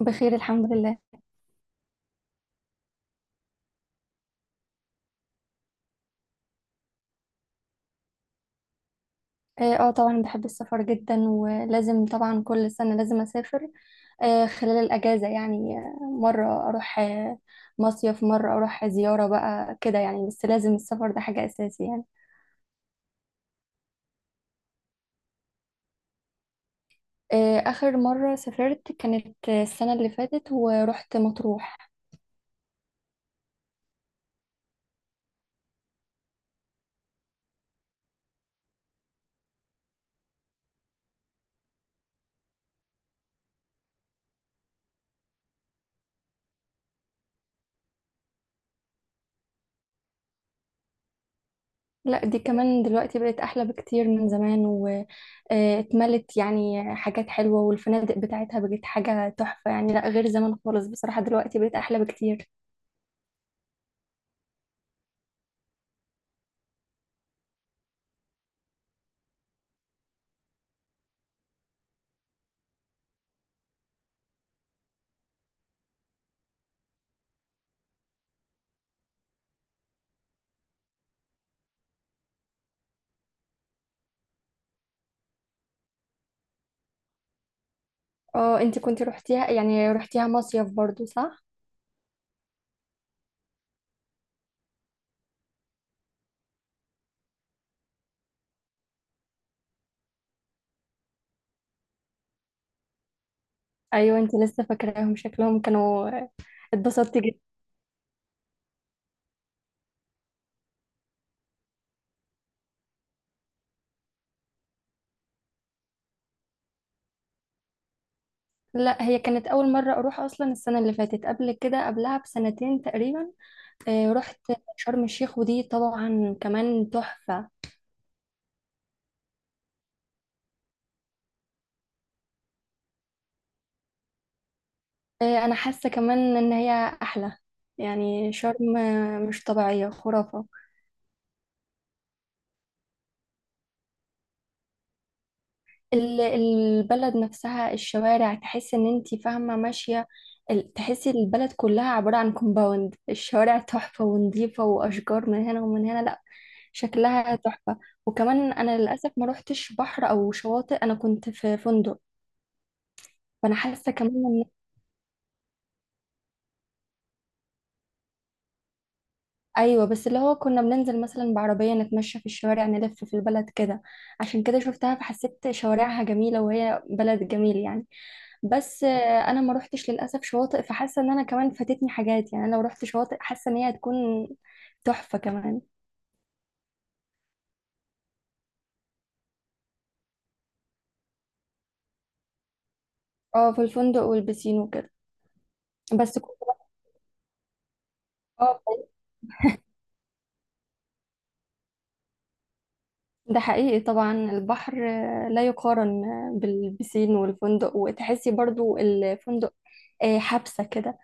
بخير الحمد لله. طبعا بحب السفر جدا، ولازم طبعا كل سنة لازم اسافر. خلال الاجازة يعني، مرة اروح مصيف، مرة اروح زيارة بقى كده يعني، بس لازم السفر ده حاجة اساسي يعني. اخر مرة سافرت كانت السنة اللي فاتت، ورحت مطروح. لا، دي كمان دلوقتي بقت احلى بكتير من زمان، واتملت يعني حاجات حلوة، والفنادق بتاعتها بقت حاجة تحفة يعني، لا غير زمان خالص بصراحة، دلوقتي بقت احلى بكتير. اه، انت كنت روحتيها يعني، روحتيها مصيف برضو صح؟ ايوه انت لسه فاكراهم شكلهم كانوا، اتبسطتي جدا. لا، هي كانت اول مره اروح اصلا، السنه اللي فاتت قبل كده قبلها بسنتين تقريبا. رحت شرم الشيخ، ودي طبعا كمان تحفه. انا حاسه كمان ان هي احلى، يعني شرم مش طبيعيه خرافه. البلد نفسها، الشوارع تحس ان انتي فاهمة ماشية، تحسي البلد كلها عبارة عن كومباوند، الشوارع تحفة ونظيفة وأشجار من هنا ومن هنا، لأ شكلها تحفة. وكمان أنا للأسف ما روحتش بحر أو شواطئ، أنا كنت في فندق، فأنا حاسة كمان إن. أيوة، بس اللي هو كنا بننزل مثلا بعربية نتمشى في الشوارع، نلف في البلد كده، عشان كده شفتها فحسيت شوارعها جميلة، وهي بلد جميل يعني. بس انا ما روحتش للاسف شواطئ، فحاسه ان انا كمان فاتتني حاجات يعني، انا لو روحت شواطئ حاسه ان هي هتكون تحفه كمان. اه، في الفندق والبسين وكده. بس كنت اه ده حقيقي، طبعا البحر لا يقارن بالبسين والفندق، وتحسي برضو الفندق حبسه كده.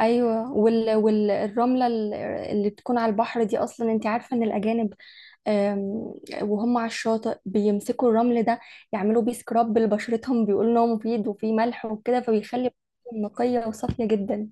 ايوه، والرمله اللي بتكون على البحر دي، اصلا انت عارفه ان الاجانب أم، وهم على الشاطئ بيمسكوا الرمل ده، يعملوا بيه سكراب لبشرتهم، بيقولوا ان هو مفيد وفيه ملح وكده، فبيخلي بشرتهم نقيه وصافيه جدا.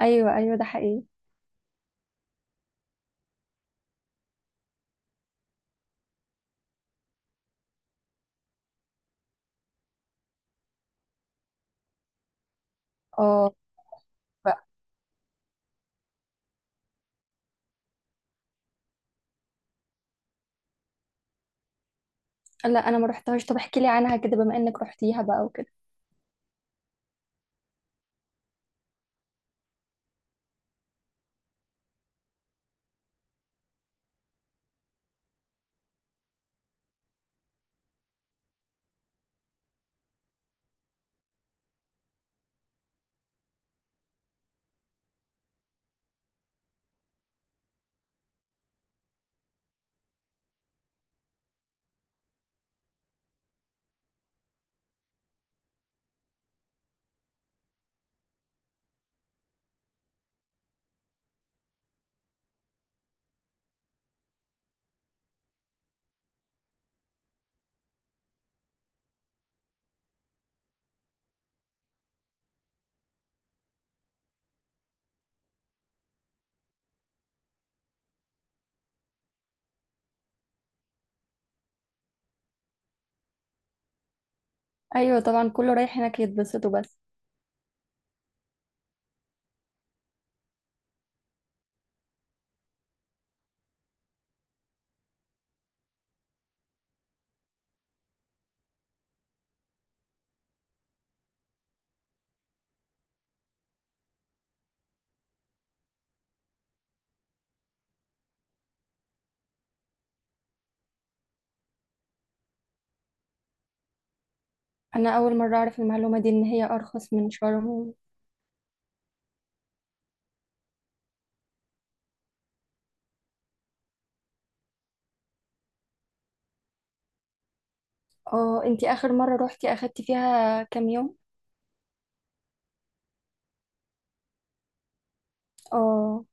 ايوه، ايوه، ده حقيقي. اه. ف- لا، انا ما رحتهاش، طب احكي لي عنها كده بما انك رحتيها بقى وكده. ايوه طبعا، كله رايح هناك يتبسطوا بس. انا اول مره اعرف المعلومه دي، ان هي ارخص من شرم. اه، انتي اخر مره روحتي اخدتي فيها كام يوم؟ اه.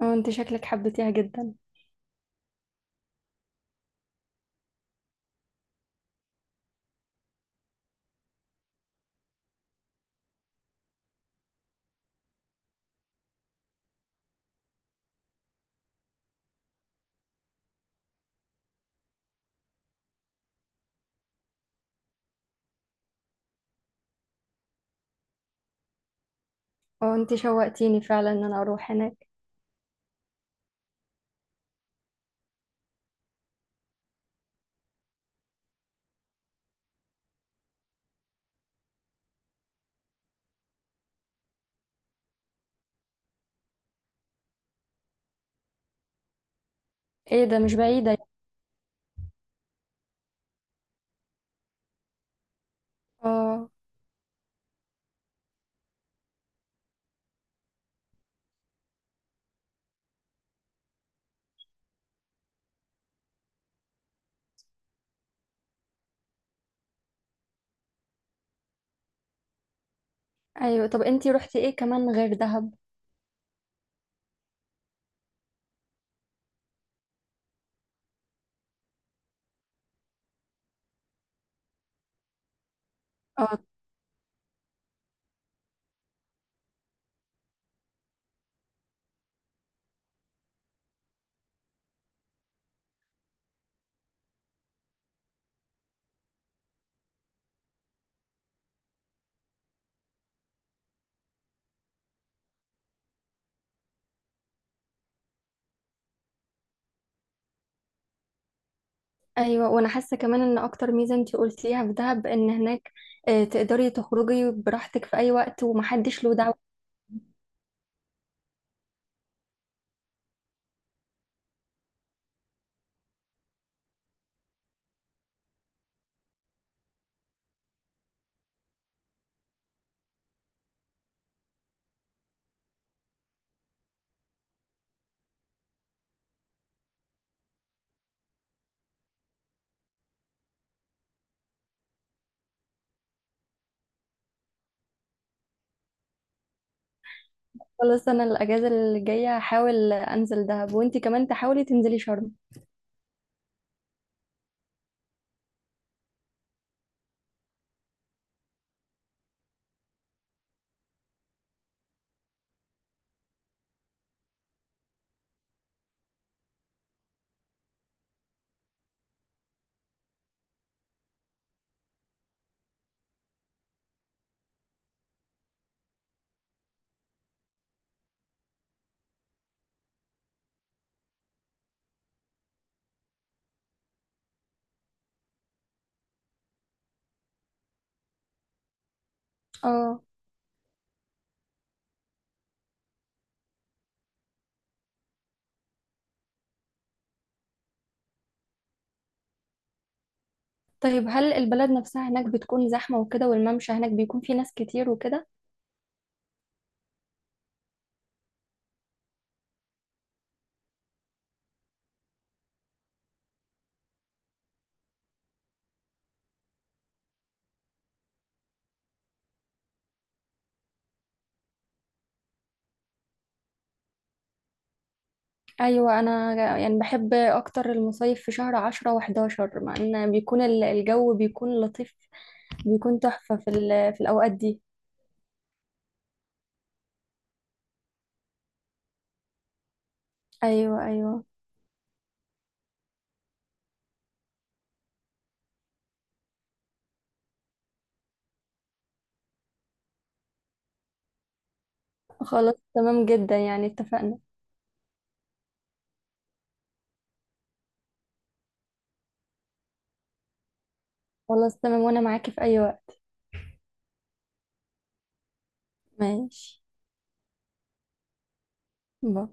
اه، انت شكلك حبيتيها جدا. اه، انت شوقتيني فعلا ان انا اروح هناك. ايه ده، مش بعيدة يعني. اه. ايوه، طب انت رحتي ايه كمان غير دهب؟ اه. ايوه، وانا حاسة كمان ان اكتر ميزة انت قلتيها في دهب ان هناك تقدري تخرجي براحتك في اي وقت، ومحدش له دعوة. خلاص، انا الاجازة اللي جاية هحاول انزل دهب، وانت كمان تحاولي تنزلي شرم. اه، طيب هل البلد نفسها هناك بتكون زحمة وكده، والممشى هناك بيكون فيه ناس كتير وكده؟ أيوة، أنا يعني بحب أكتر المصايف في شهر عشرة وحداشر، مع إن بيكون الجو بيكون لطيف، بيكون تحفة في في الأوقات دي. أيوة، أيوة. خلاص تمام جدا يعني، اتفقنا. خلاص تمام، وأنا معاكي في أي وقت. ماشي. باي.